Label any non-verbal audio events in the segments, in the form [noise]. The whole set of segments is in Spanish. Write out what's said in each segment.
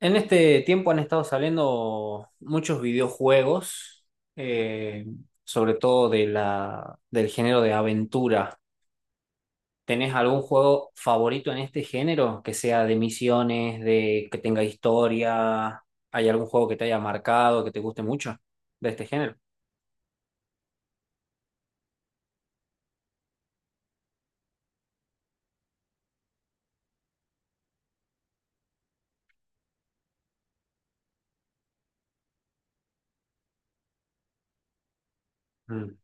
En este tiempo han estado saliendo muchos videojuegos, eh, sobre todo de del género de aventura. ¿Tenés algún juego favorito en este género? Que sea de misiones, de que tenga historia. ¿Hay algún juego que te haya marcado, que te guste mucho de este género? Mm,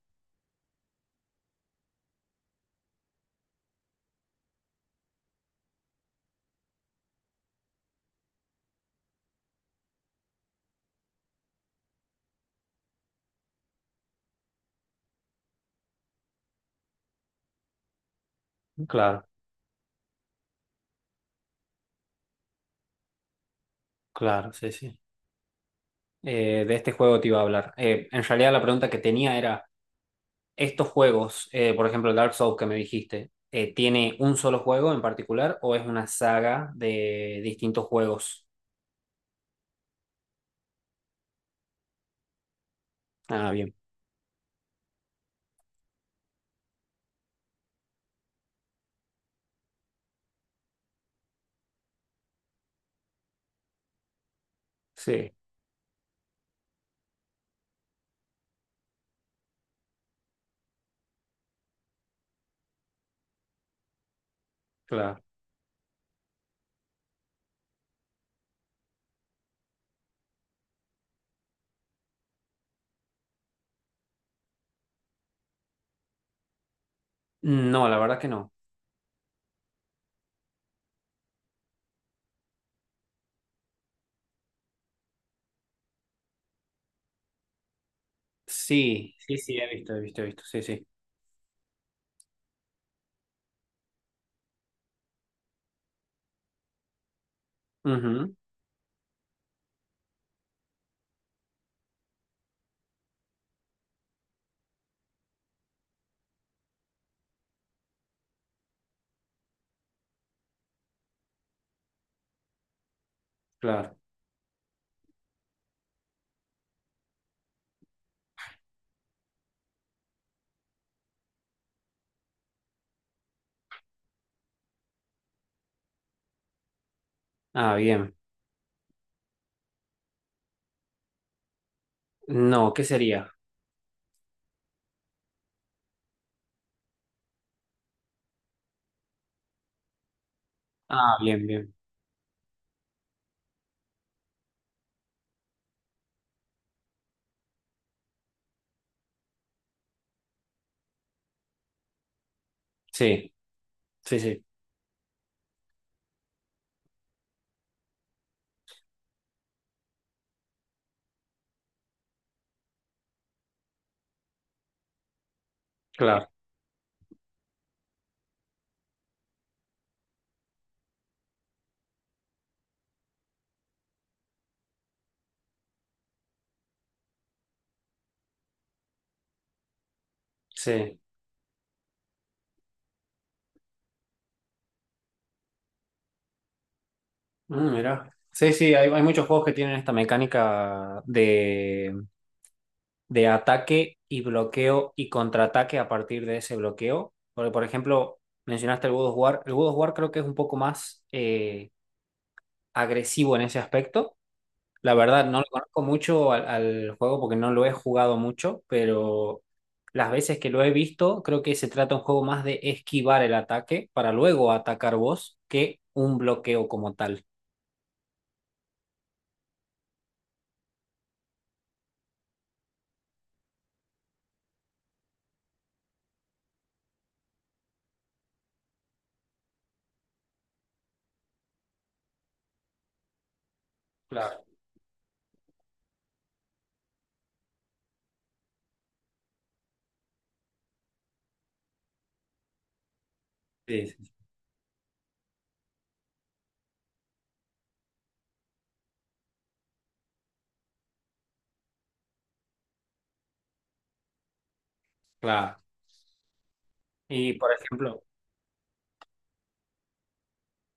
claro, claro, sí, sí. De este juego te iba a hablar. En realidad la pregunta que tenía era... estos juegos, por ejemplo, el Dark Souls que me dijiste, ¿tiene un solo juego en particular o es una saga de distintos juegos? Ah, bien. Sí, claro. No, la verdad que no. Sí, sí, sí, he visto, he visto, he visto. Sí, sí. Ujú, claro. Ah, bien. No, ¿qué sería? Ah, bien, bien. Sí, sí, sí, claro. Sí. Mm, mira. Sí, sí, hay muchos juegos que tienen esta mecánica de ataque y bloqueo y contraataque a partir de ese bloqueo. Porque, por ejemplo, mencionaste el God of War. El God of War creo que es un poco más agresivo en ese aspecto. La verdad, no lo conozco mucho al juego porque no lo he jugado mucho, pero las veces que lo he visto, creo que se trata un juego más de esquivar el ataque para luego atacar vos que un bloqueo como tal. Claro. Sí, sí, claro. Y, por ejemplo,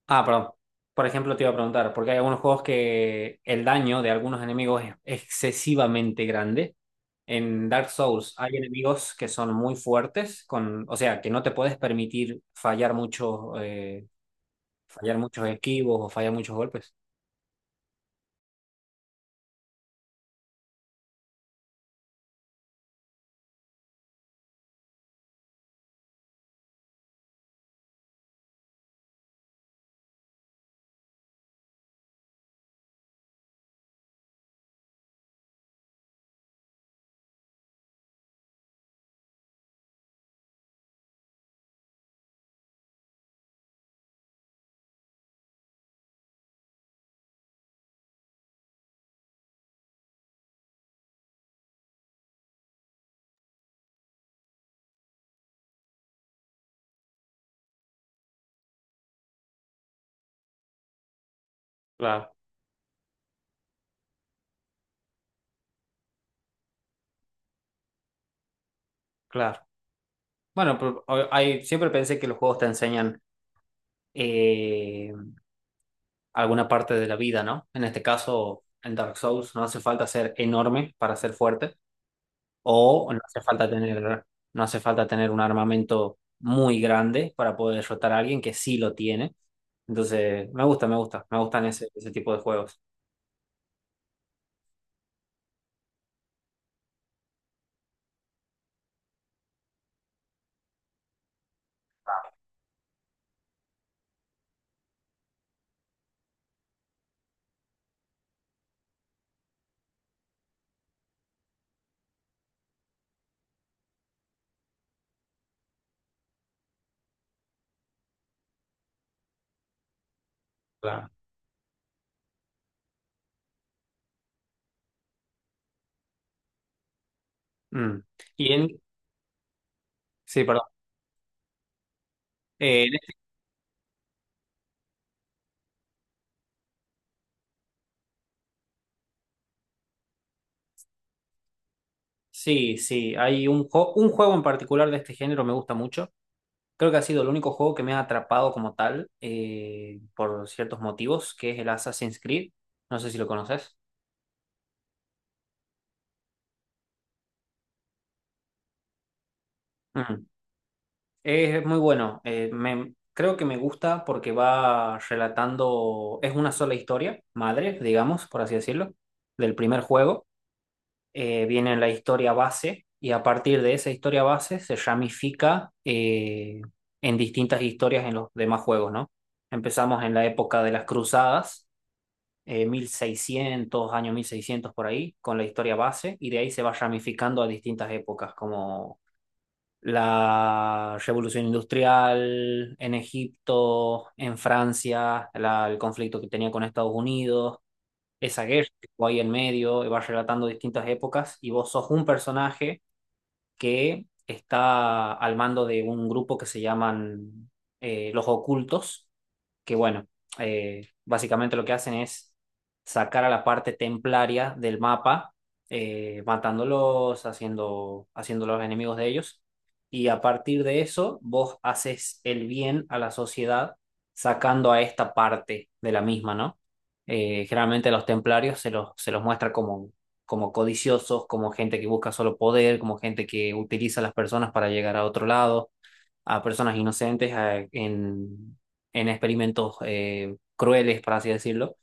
ah, perdón. Por ejemplo, te iba a preguntar, porque hay algunos juegos que el daño de algunos enemigos es excesivamente grande. En Dark Souls hay enemigos que son muy fuertes, con, o sea, que no te puedes permitir fallar muchos esquivos o fallar muchos golpes. Claro, claro. Bueno, pero hay, siempre pensé que los juegos te enseñan eh, alguna parte de la vida, ¿no? En este caso, en Dark Souls no hace falta ser enorme para ser fuerte. O no hace falta tener, no hace falta tener un armamento muy grande para poder derrotar a alguien que sí lo tiene. Entonces, me gusta, me gusta, me gustan ese, ese tipo de juegos. Claro. Mm. Y en, sí, perdón. Eh, en este- sí, sí, hay un, un juego en particular de este género me gusta mucho. Creo que ha sido el único juego que me ha atrapado como tal, por ciertos motivos, que es el Assassin's Creed. No sé si lo conoces. Es muy bueno. Creo que me gusta porque va relatando, es una sola historia, madre, digamos, por así decirlo, del primer juego. Viene la historia base y a partir de esa historia base se ramifica en distintas historias en los demás juegos, ¿no? Empezamos en la época de las cruzadas, 1600, año 1600 por ahí, con la historia base y de ahí se va ramificando a distintas épocas, como la revolución industrial en Egipto, en Francia, el conflicto que tenía con Estados Unidos, esa guerra que estuvo ahí en medio, y va relatando distintas épocas, y vos sos un personaje que está al mando de un grupo que se llaman Los Ocultos, que bueno, básicamente lo que hacen es sacar a la parte templaria del mapa, matándolos, haciéndolos enemigos de ellos, y a partir de eso vos haces el bien a la sociedad sacando a esta parte de la misma, ¿no? Generalmente los templarios se los muestra como como codiciosos, como gente que busca solo poder, como gente que utiliza a las personas para llegar a otro lado, a personas inocentes en experimentos crueles, por así decirlo,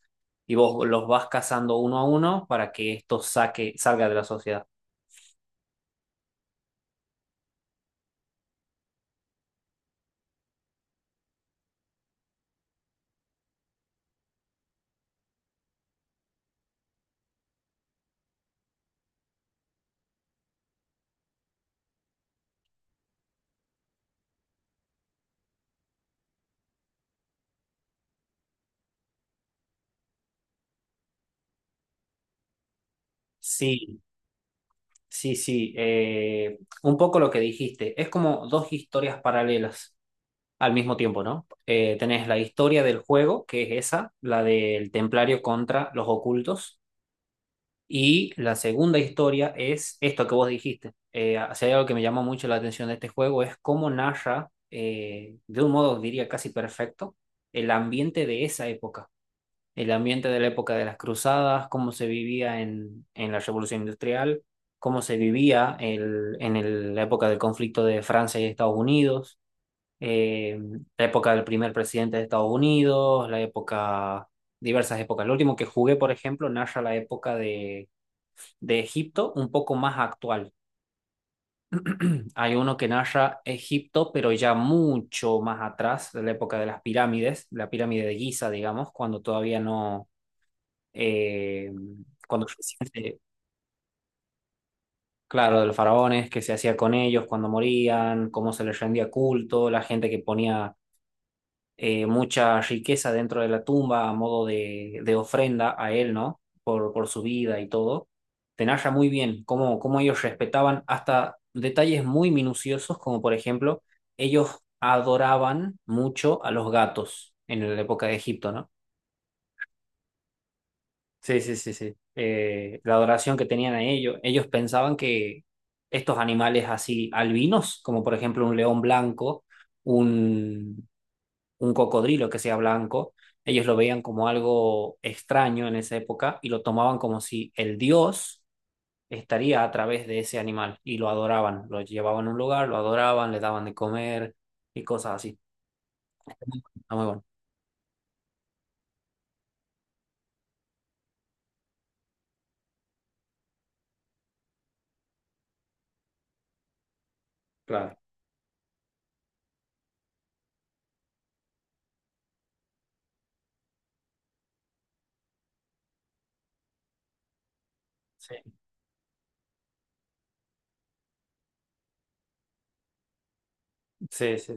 y vos los vas cazando uno a uno para que esto salga de la sociedad. Sí, sí, sí, un poco lo que dijiste, es como dos historias paralelas al mismo tiempo, ¿no? Tenés la historia del juego, que es esa, la del templario contra los ocultos. Y la segunda historia es esto que vos dijiste. Si hay algo que me llamó mucho la atención de este juego es cómo narra, de un modo diría casi perfecto, el ambiente de esa época, el ambiente de la época de las cruzadas, cómo se vivía en la Revolución Industrial, cómo se vivía la época del conflicto de Francia y Estados Unidos, eh, la época del primer presidente de Estados Unidos, la época, diversas épocas. Lo último que jugué, por ejemplo, narra la época de Egipto un poco más actual. [clears throat] Hay uno que narra Egipto, pero ya mucho más atrás, de la época de las pirámides, la pirámide de Giza, digamos, cuando todavía no, eh, cuando recién se- claro, de los faraones, qué se hacía con ellos, cuando morían, cómo se les rendía culto, la gente que ponía mucha riqueza dentro de la tumba a modo de ofrenda a él, ¿no? Por su vida y todo. Te narra muy bien cómo, cómo ellos respetaban hasta detalles muy minuciosos, como por ejemplo, ellos adoraban mucho a los gatos en la época de Egipto, ¿no? Sí, sí, sí, sí. La adoración que tenían a ellos, ellos pensaban que estos animales así albinos, como por ejemplo un león blanco, un un cocodrilo que sea blanco. Ellos lo veían como algo extraño en esa época y lo tomaban como si el dios estaría a través de ese animal y lo adoraban. Lo llevaban a un lugar, lo adoraban, le daban de comer y cosas así. Está muy bueno. Claro. Sí, sí, sí.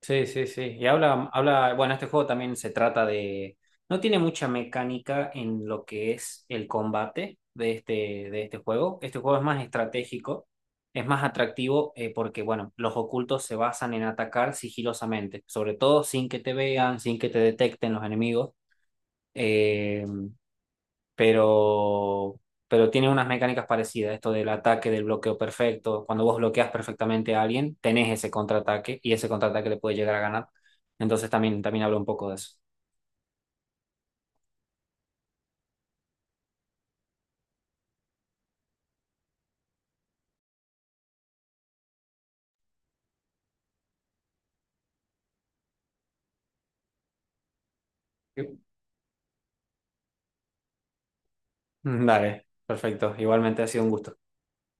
Sí, sí, sí. Y habla, habla, bueno, este juego también se trata de, no tiene mucha mecánica en lo que es el combate de este juego. Este juego es más estratégico, es más atractivo porque, bueno, los ocultos se basan en atacar sigilosamente, sobre todo sin que te vean, sin que te detecten los enemigos. eh, pero, pero tiene unas mecánicas parecidas, esto del ataque, del bloqueo perfecto. Cuando vos bloqueas perfectamente a alguien, tenés ese contraataque y ese contraataque le puede llegar a ganar. Entonces también, también hablo un poco de eso. Sí. [laughs] Dale, perfecto. Igualmente ha sido un gusto.